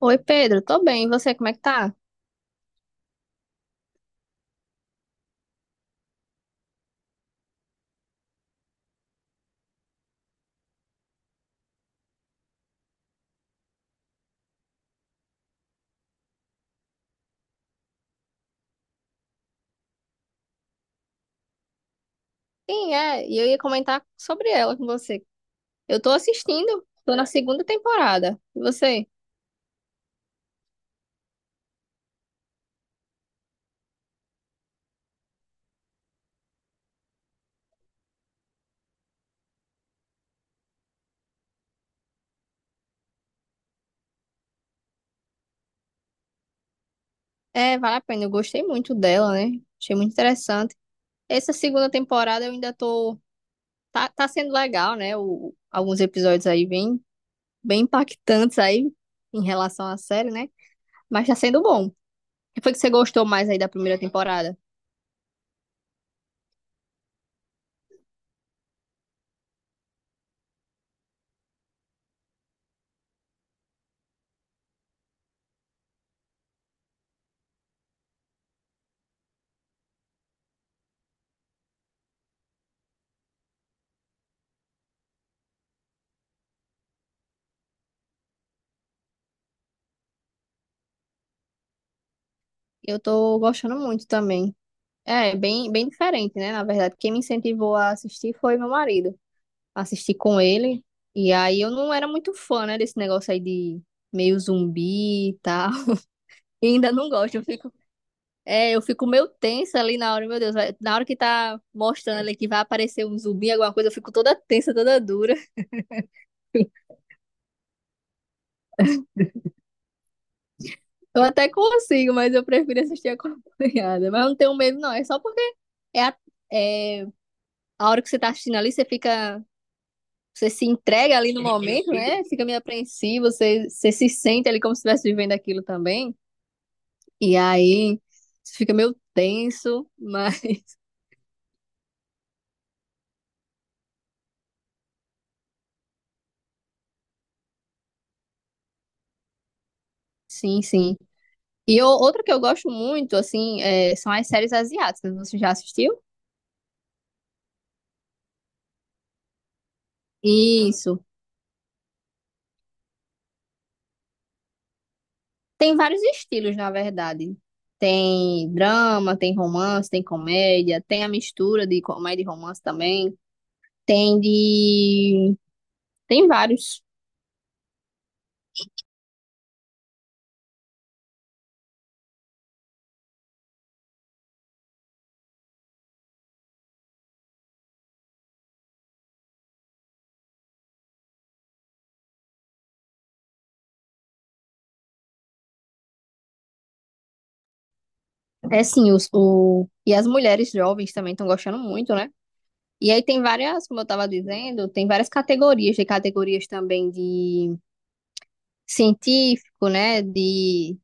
Oi, Pedro, tô bem. E você, como é que tá? Sim, é, e eu ia comentar sobre ela com você. Eu tô assistindo, tô na segunda temporada. E você? É, vale a pena. Eu gostei muito dela, né? Achei muito interessante. Essa segunda temporada eu ainda tô. Tá, tá sendo legal, né? O, alguns episódios aí bem, bem impactantes aí em relação à série, né? Mas tá sendo bom. O que foi que você gostou mais aí da primeira temporada? Eu tô gostando muito também. É, bem, bem diferente, né? Na verdade, quem me incentivou a assistir foi meu marido. Assistir com ele. E aí eu não era muito fã, né, desse negócio aí de meio zumbi e tal. E ainda não gosto, eu fico, eu fico meio tensa ali na hora, meu Deus, vai- na hora que tá mostrando ali que vai aparecer um zumbi, alguma coisa, eu fico toda tensa, toda dura. Eu até consigo, mas eu prefiro assistir acompanhada. Mas eu não tenho medo, não, é só porque é a, é a hora que você tá assistindo ali, você fica, você se entrega ali no momento, né? Fica meio apreensivo, você, você se sente ali como se estivesse vivendo aquilo também. E aí você fica meio tenso, mas sim, sim. E outro que eu gosto muito, assim, é, são as séries asiáticas. Você já assistiu? Isso. Tem vários estilos, na verdade. Tem drama, tem romance, tem comédia, tem a mistura de comédia e romance também. Tem de. Tem vários. É sim, e as mulheres jovens também estão gostando muito, né? E aí tem várias, como eu estava dizendo, tem várias categorias, tem categorias também de científico, né? De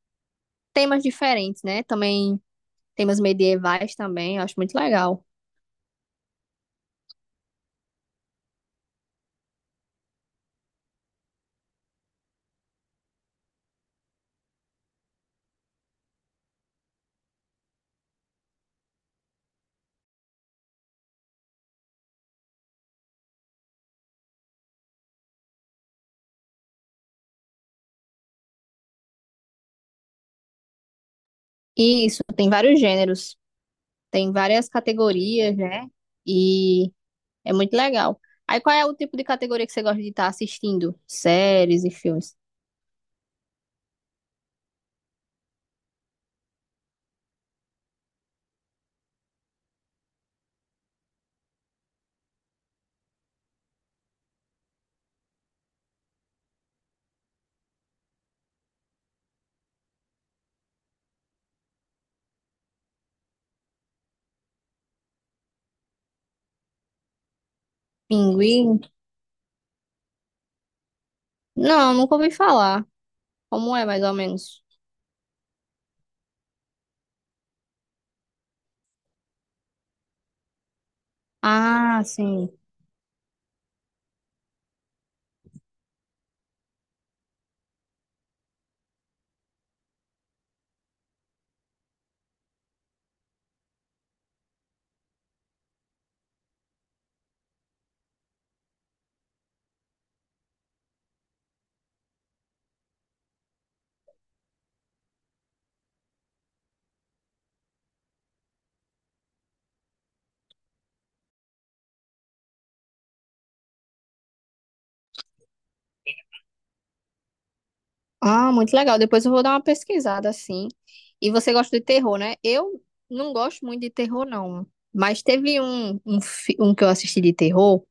temas diferentes, né? Também temas medievais também, eu acho muito legal. Isso, tem vários gêneros, tem várias categorias, né? E é muito legal. Aí qual é o tipo de categoria que você gosta de estar assistindo? Séries e filmes? Pinguim? Não, nunca ouvi falar. Como é, mais ou menos? Ah, sim. Ah, muito legal. Depois eu vou dar uma pesquisada assim. E você gosta de terror, né? Eu não gosto muito de terror, não. Mas teve um que eu assisti de terror.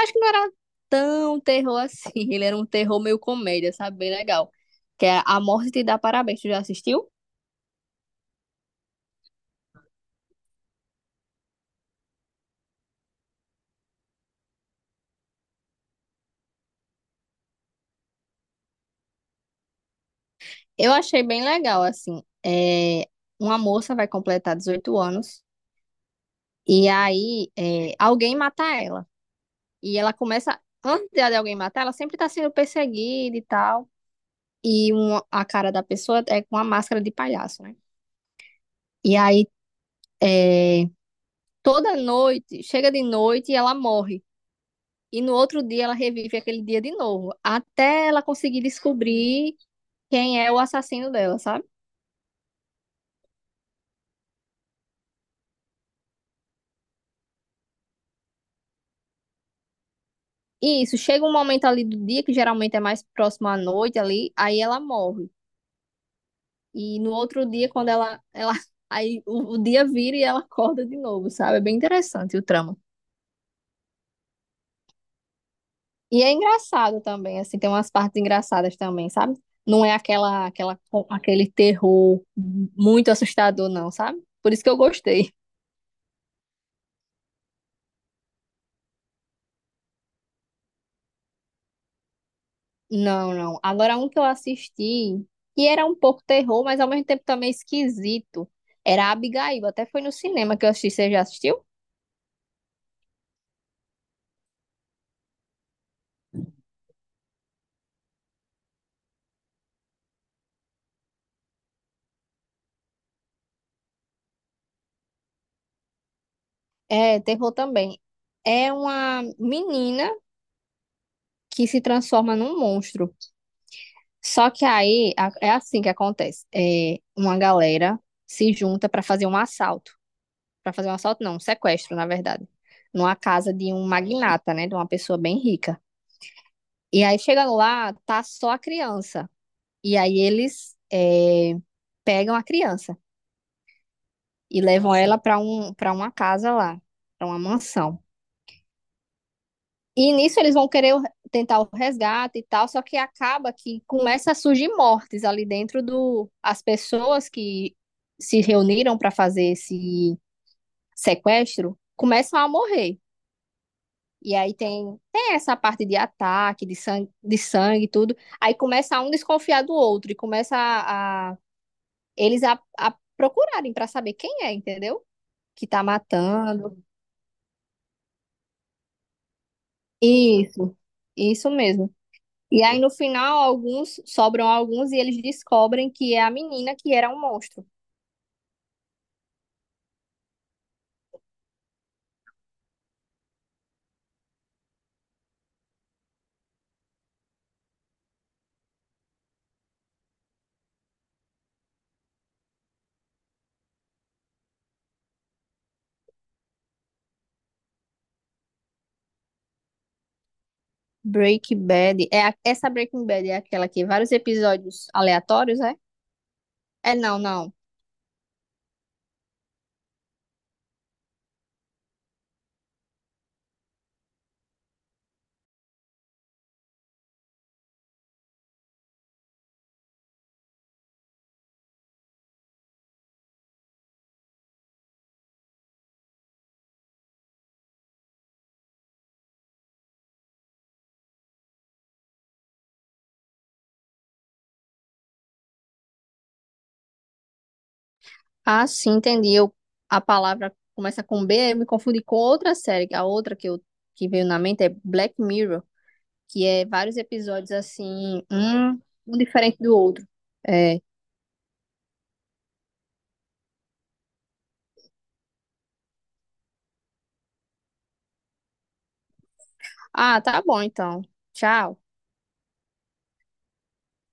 Acho que não era tão terror assim. Ele era um terror meio comédia, sabe? Bem legal. Que é A Morte Te Dá Parabéns. Tu já assistiu? Eu achei bem legal, assim. É, uma moça vai completar 18 anos. E aí, alguém mata ela. E ela começa. Antes de alguém matar, ela sempre tá sendo perseguida e tal. A cara da pessoa é com a máscara de palhaço, né? E aí, é, toda noite, chega de noite e ela morre. E no outro dia ela revive aquele dia de novo, até ela conseguir descobrir quem é o assassino dela, sabe? E isso, chega um momento ali do dia, que geralmente é mais próximo à noite ali, aí ela morre. E no outro dia, quando ela aí o dia vira e ela acorda de novo, sabe? É bem interessante o trama. E é engraçado também, assim, tem umas partes engraçadas também, sabe? Não é aquele terror muito assustador, não, sabe? Por isso que eu gostei. Não, não. Agora, um que eu assisti, que era um pouco terror, mas ao mesmo tempo também esquisito, era Abigail. Até foi no cinema que eu assisti. Você já assistiu? É, terror também. É uma menina que se transforma num monstro. Só que aí, é assim que acontece. É, uma galera se junta pra fazer um assalto. Para fazer um assalto, não, um sequestro, na verdade, numa casa de um magnata, né, de uma pessoa bem rica. E aí chegando lá, tá só a criança. E aí pegam a criança e levam ela para para uma casa lá, para uma mansão. E nisso eles vão querer tentar o resgate e tal, só que acaba que começa a surgir mortes ali dentro do as pessoas que se reuniram para fazer esse sequestro começam a morrer. E aí tem, tem essa parte de ataque, de sangue e tudo. Aí começa um desconfiar do outro e começa eles a procurarem pra saber quem é, entendeu? Que tá matando. Isso, isso mesmo. E aí no final alguns sobram alguns e eles descobrem que é a menina que era um monstro. Breaking Bad, é essa Breaking Bad é aquela que vários episódios aleatórios, é? É não, não. Ah, sim, entendi. Eu, a palavra começa com B, eu me confundi com outra série. A outra que, eu, que veio na mente é Black Mirror, que é vários episódios assim, um diferente do outro. É. Ah, tá bom então. Tchau.